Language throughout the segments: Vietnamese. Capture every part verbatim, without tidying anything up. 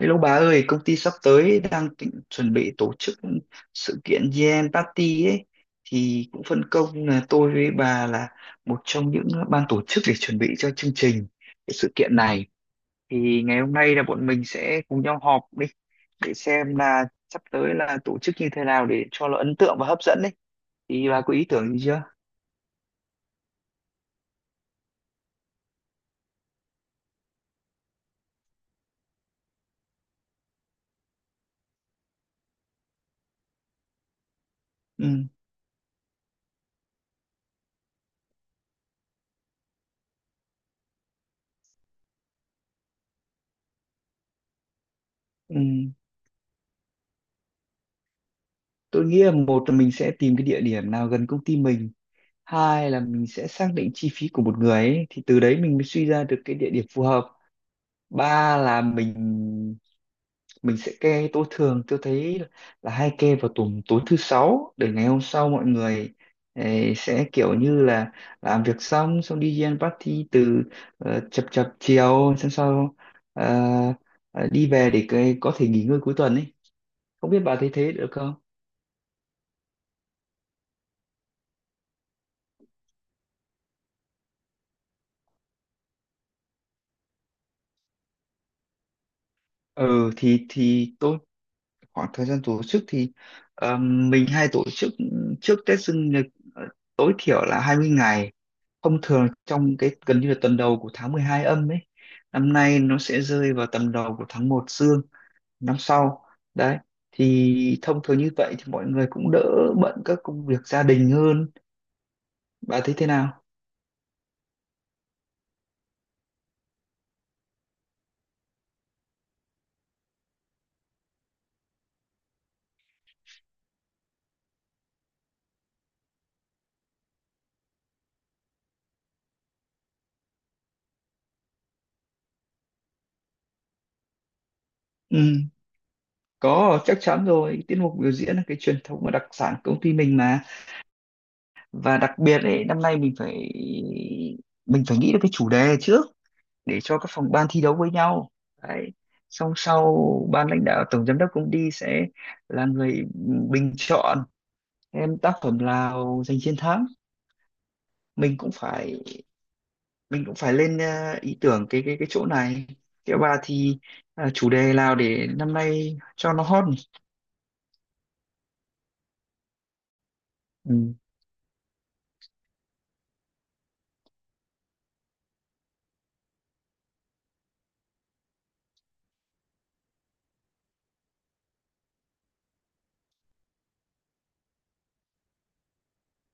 Hello bà ơi, công ty sắp tới đang tính, chuẩn bị tổ chức sự kiện Gen Party ấy, thì cũng phân công là tôi với bà là một trong những ban tổ chức để chuẩn bị cho chương trình cái sự kiện này. Thì ngày hôm nay là bọn mình sẽ cùng nhau họp đi để xem là sắp tới là tổ chức như thế nào để cho nó ấn tượng và hấp dẫn đấy. Thì bà có ý tưởng gì chưa? Ừ, ừ. Tôi nghĩ là, một là mình sẽ tìm cái địa điểm nào gần công ty mình, hai là mình sẽ xác định chi phí của một người ấy, thì từ đấy mình mới suy ra được cái địa điểm phù hợp, ba là mình mình sẽ kê. Tôi thường tôi thấy là hay kê vào tuần tối thứ sáu để ngày hôm sau mọi người eh, sẽ kiểu như là làm việc xong, xong đi ăn party từ ờ, chập chập chiều, xong sau ờ, ờ, đi về để cái, có thể nghỉ ngơi cuối tuần ấy. Không biết bà thấy thế được không? Ừ thì thì tôi, khoảng thời gian tổ chức thì ờ, mình hay tổ chức trước Tết dương lịch, ờ, tối thiểu là hai mươi ngày, thông thường trong cái gần như là tuần đầu của tháng mười hai âm ấy. Năm nay nó sẽ rơi vào tầm đầu của tháng một dương năm sau đấy, thì thông thường như vậy thì mọi người cũng đỡ bận các công việc gia đình hơn. Bà thấy thế nào? Ừ, có chắc chắn rồi, tiết mục biểu diễn là cái truyền thống và đặc sản của công ty mình mà. Và đặc biệt ấy, năm nay mình phải, mình phải nghĩ được cái chủ đề trước để cho các phòng ban thi đấu với nhau đấy. Xong sau, ban lãnh đạo tổng giám đốc cũng đi, sẽ là người bình chọn em tác phẩm nào giành chiến thắng. Mình cũng phải, mình cũng phải lên ờ, ý tưởng cái cái cái chỗ này, cái. Bà thì ờ, chủ đề nào để năm nay cho nó hot nhỉ? Ừ.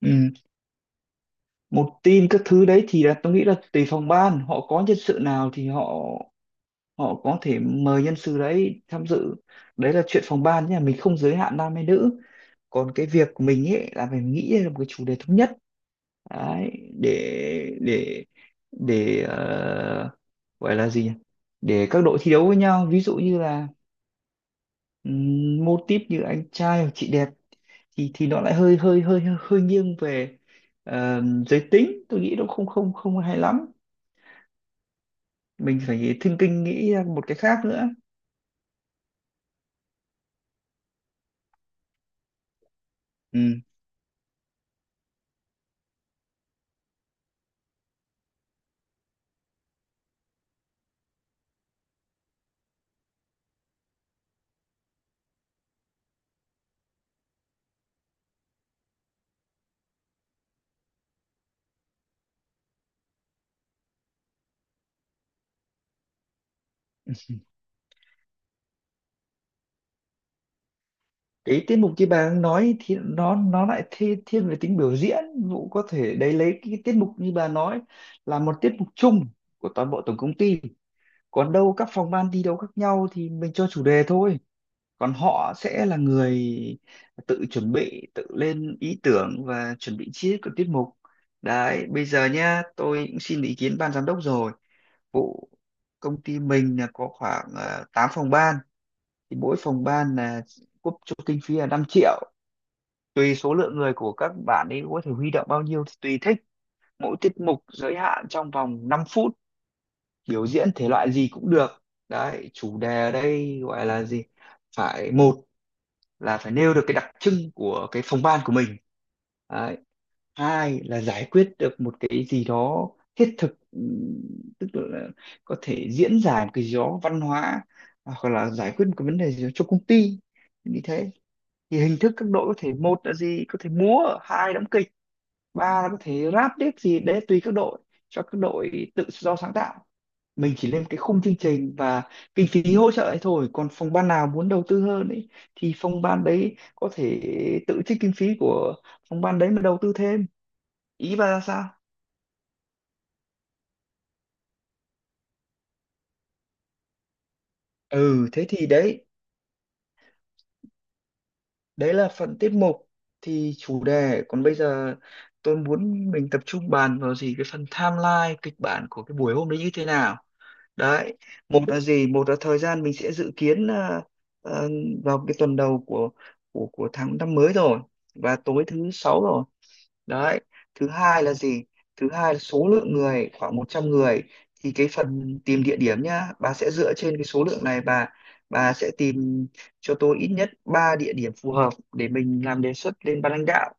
Ừ. Một tin các thứ đấy thì là tôi nghĩ là tùy phòng ban, họ có nhân sự nào thì họ họ có thể mời nhân sự đấy tham dự. Đấy là chuyện phòng ban nha, mình không giới hạn nam hay nữ. Còn cái việc mình ấy là phải nghĩ ra một cái chủ đề thống nhất đấy, để để để ờ, gọi là gì nhỉ, để các đội thi đấu với nhau. Ví dụ như là um, mô típ như anh trai hoặc chị đẹp thì thì nó lại hơi hơi hơi hơi nghiêng về ờ, giới tính, tôi nghĩ nó không không không hay lắm. Mình phải thinking, nghĩ ra một cái khác nữa. Ừ. Cái tiết mục kia bà đang nói thì nó nó lại thi, thiên về tính biểu diễn. Vụ có thể đấy, lấy cái tiết mục như bà nói là một tiết mục chung của toàn bộ tổng công ty, còn đâu các phòng ban thi đấu khác nhau thì mình cho chủ đề thôi. Còn họ sẽ là người tự chuẩn bị, tự lên ý tưởng và chuẩn bị chi tiết của tiết mục đấy. Bây giờ nhá, tôi cũng xin ý kiến ban giám đốc rồi vụ công ty mình là có khoảng uh, tám phòng ban, thì mỗi phòng ban là quốc cho kinh phí là năm triệu, tùy số lượng người của các bạn ấy có thể huy động bao nhiêu thì tùy thích. Mỗi tiết mục giới hạn trong vòng năm phút, biểu diễn thể loại gì cũng được. Đấy, chủ đề ở đây gọi là gì, phải, một là phải nêu được cái đặc trưng của cái phòng ban của mình đấy. Hai là giải quyết được một cái gì đó thiết thực, ừm, tức là có thể diễn giải một cái gì đó văn hóa hoặc là giải quyết một cái vấn đề gì đó cho công ty như thế. Thì hình thức các đội có thể, một là gì, có thể múa, hai đóng kịch, ba là có thể rap tiếp gì đấy, tùy các đội, cho các đội tự do sáng tạo. Mình chỉ lên cái khung chương trình và kinh phí hỗ trợ ấy thôi, còn phòng ban nào muốn đầu tư hơn ấy thì phòng ban đấy có thể tự trích kinh phí của phòng ban đấy mà đầu tư thêm. Ý bà ra sao? Ừ thế thì đấy, đấy là phần tiết mục, thì chủ đề. Còn bây giờ tôi muốn mình tập trung bàn vào gì cái phần timeline, kịch bản của cái buổi hôm đấy như thế nào. Đấy, một là gì, một là thời gian mình sẽ dự kiến là ờ, vào cái tuần đầu của của của tháng năm mới rồi và tối thứ sáu rồi đấy. Thứ hai là gì, thứ hai là số lượng người khoảng một trăm người, thì cái phần tìm địa điểm nhá, bà sẽ dựa trên cái số lượng này, bà bà sẽ tìm cho tôi ít nhất ba địa điểm phù hợp để mình làm đề xuất lên ban lãnh đạo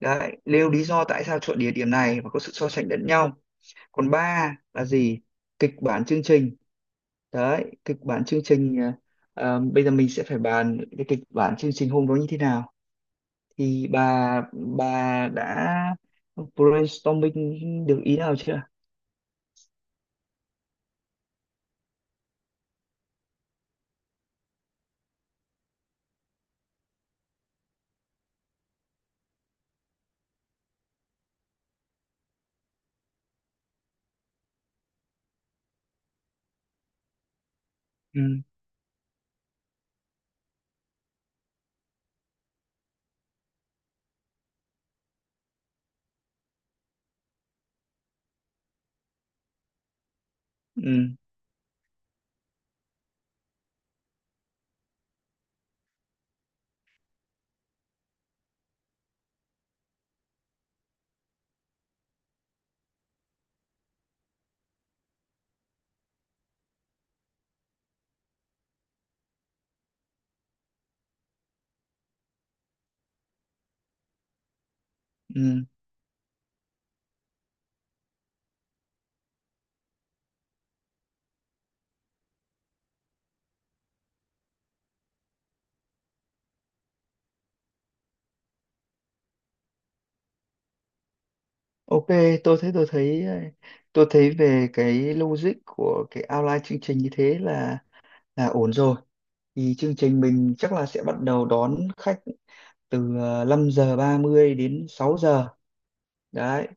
đấy, nêu lý do tại sao chọn địa điểm này và có sự so sánh lẫn nhau. Còn ba là gì, kịch bản chương trình. Đấy, kịch bản chương trình, à, à, bây giờ mình sẽ phải bàn cái kịch bản chương trình hôm đó như thế nào. Thì bà bà đã brainstorming được ý nào chưa? Ừ, ừ, ừ, ok. tôi thấy tôi thấy à, tôi thấy về cái logic của cái outline chương trình như thế là là ổn rồi. Thì chương trình mình chắc là sẽ bắt đầu đón khách từ à, năm giờ ba mươi đến sáu giờ đấy.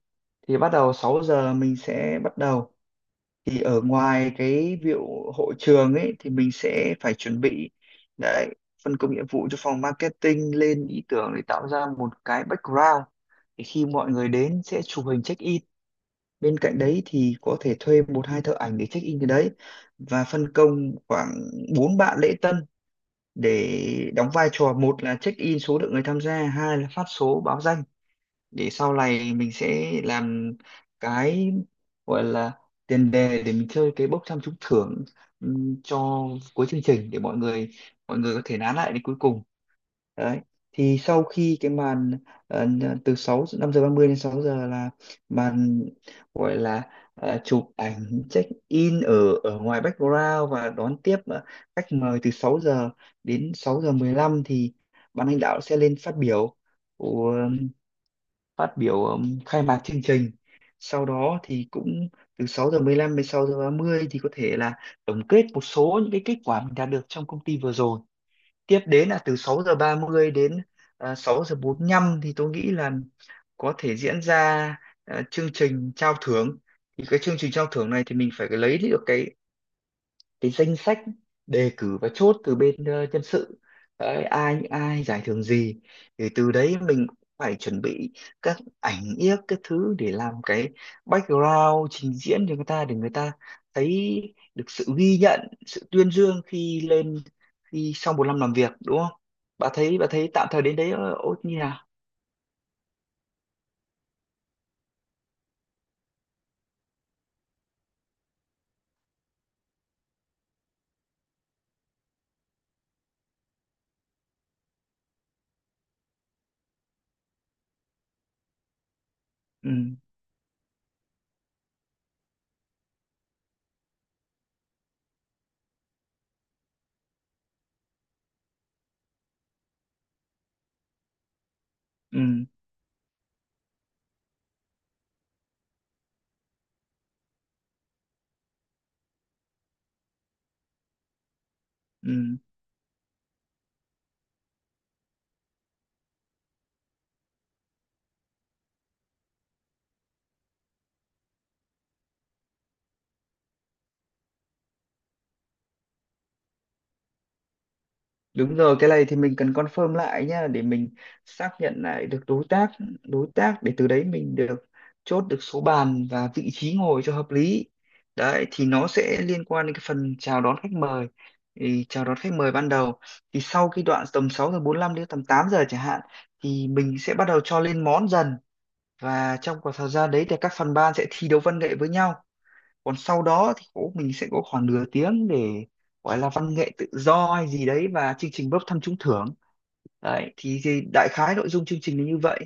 Thì bắt đầu sáu giờ mình sẽ bắt đầu. Thì ở ngoài cái vụ hội trường ấy thì mình sẽ phải chuẩn bị đấy, phân công nhiệm vụ cho phòng marketing lên ý tưởng để tạo ra một cái background để khi mọi người đến sẽ chụp hình check in. Bên cạnh đấy thì có thể thuê một hai thợ ảnh để check in cái đấy và phân công khoảng bốn bạn lễ tân để đóng vai trò, một là check in số lượng người tham gia, hai là phát số báo danh để sau này mình sẽ làm cái, gọi là tiền đề để mình chơi cái bốc thăm trúng thưởng ừm, cho cuối chương trình để mọi người mọi người có thể nán lại đến cuối cùng đấy. Thì sau khi cái màn ờ, từ sáu năm giờ ba mươi đến sáu giờ là màn gọi là ờ, chụp ảnh check in ở ở ngoài background và đón tiếp ờ, khách mời, từ sáu giờ đến sáu giờ mười lăm thì ban lãnh đạo sẽ lên phát biểu, phát biểu um, khai mạc chương trình. Sau đó thì cũng từ sáu giờ mười lăm đến sáu giờ ba mươi thì có thể là tổng kết một số những cái kết quả mình đạt được trong công ty vừa rồi. Tiếp đến là từ sáu giờ ba mươi đến uh, sáu giờ bốn lăm thì tôi nghĩ là có thể diễn ra à, chương trình trao thưởng. Thì cái chương trình trao thưởng này thì mình phải lấy được cái cái danh sách đề cử và chốt từ bên ờ, nhân sự đấy, ai, những ai giải thưởng gì. Thì từ đấy mình cũng phải chuẩn bị các ảnh yếc các thứ để làm cái background trình diễn cho người ta, để người ta thấy được sự ghi nhận, sự tuyên dương khi lên, khi sau một năm làm việc, đúng không? Bà thấy bà thấy tạm thời đến đấy ờ, ô như nào? Ừ, ừ, ừ. Đúng rồi, cái này thì mình cần confirm lại nhá để mình xác nhận lại được đối tác, đối tác, để từ đấy mình được chốt được số bàn và vị trí ngồi cho hợp lý. Đấy thì nó sẽ liên quan đến cái phần chào đón khách mời. Thì chào đón khách mời ban đầu thì sau cái đoạn tầm sáu giờ bốn lăm đến tầm tám giờ chẳng hạn thì mình sẽ bắt đầu cho lên món dần, và trong khoảng thời gian đấy thì các phần ban sẽ thi đấu văn nghệ với nhau. Còn sau đó thì cũng mình sẽ có khoảng nửa tiếng để gọi là văn nghệ tự do hay gì đấy và chương trình bốc thăm trúng thưởng đấy. thì, thì đại khái nội dung chương trình là như vậy.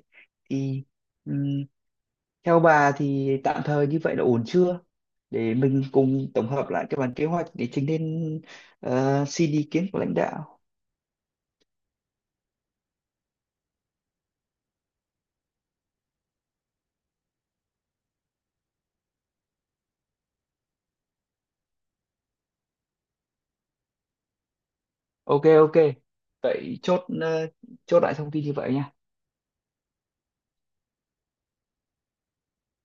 Thì ừm, theo bà thì tạm thời như vậy là ổn chưa, để mình cùng tổng hợp lại cái bản kế hoạch để trình lên ờ, xin ý kiến của lãnh đạo. Ok, ok. Vậy chốt ờ, chốt lại thông tin như vậy nha.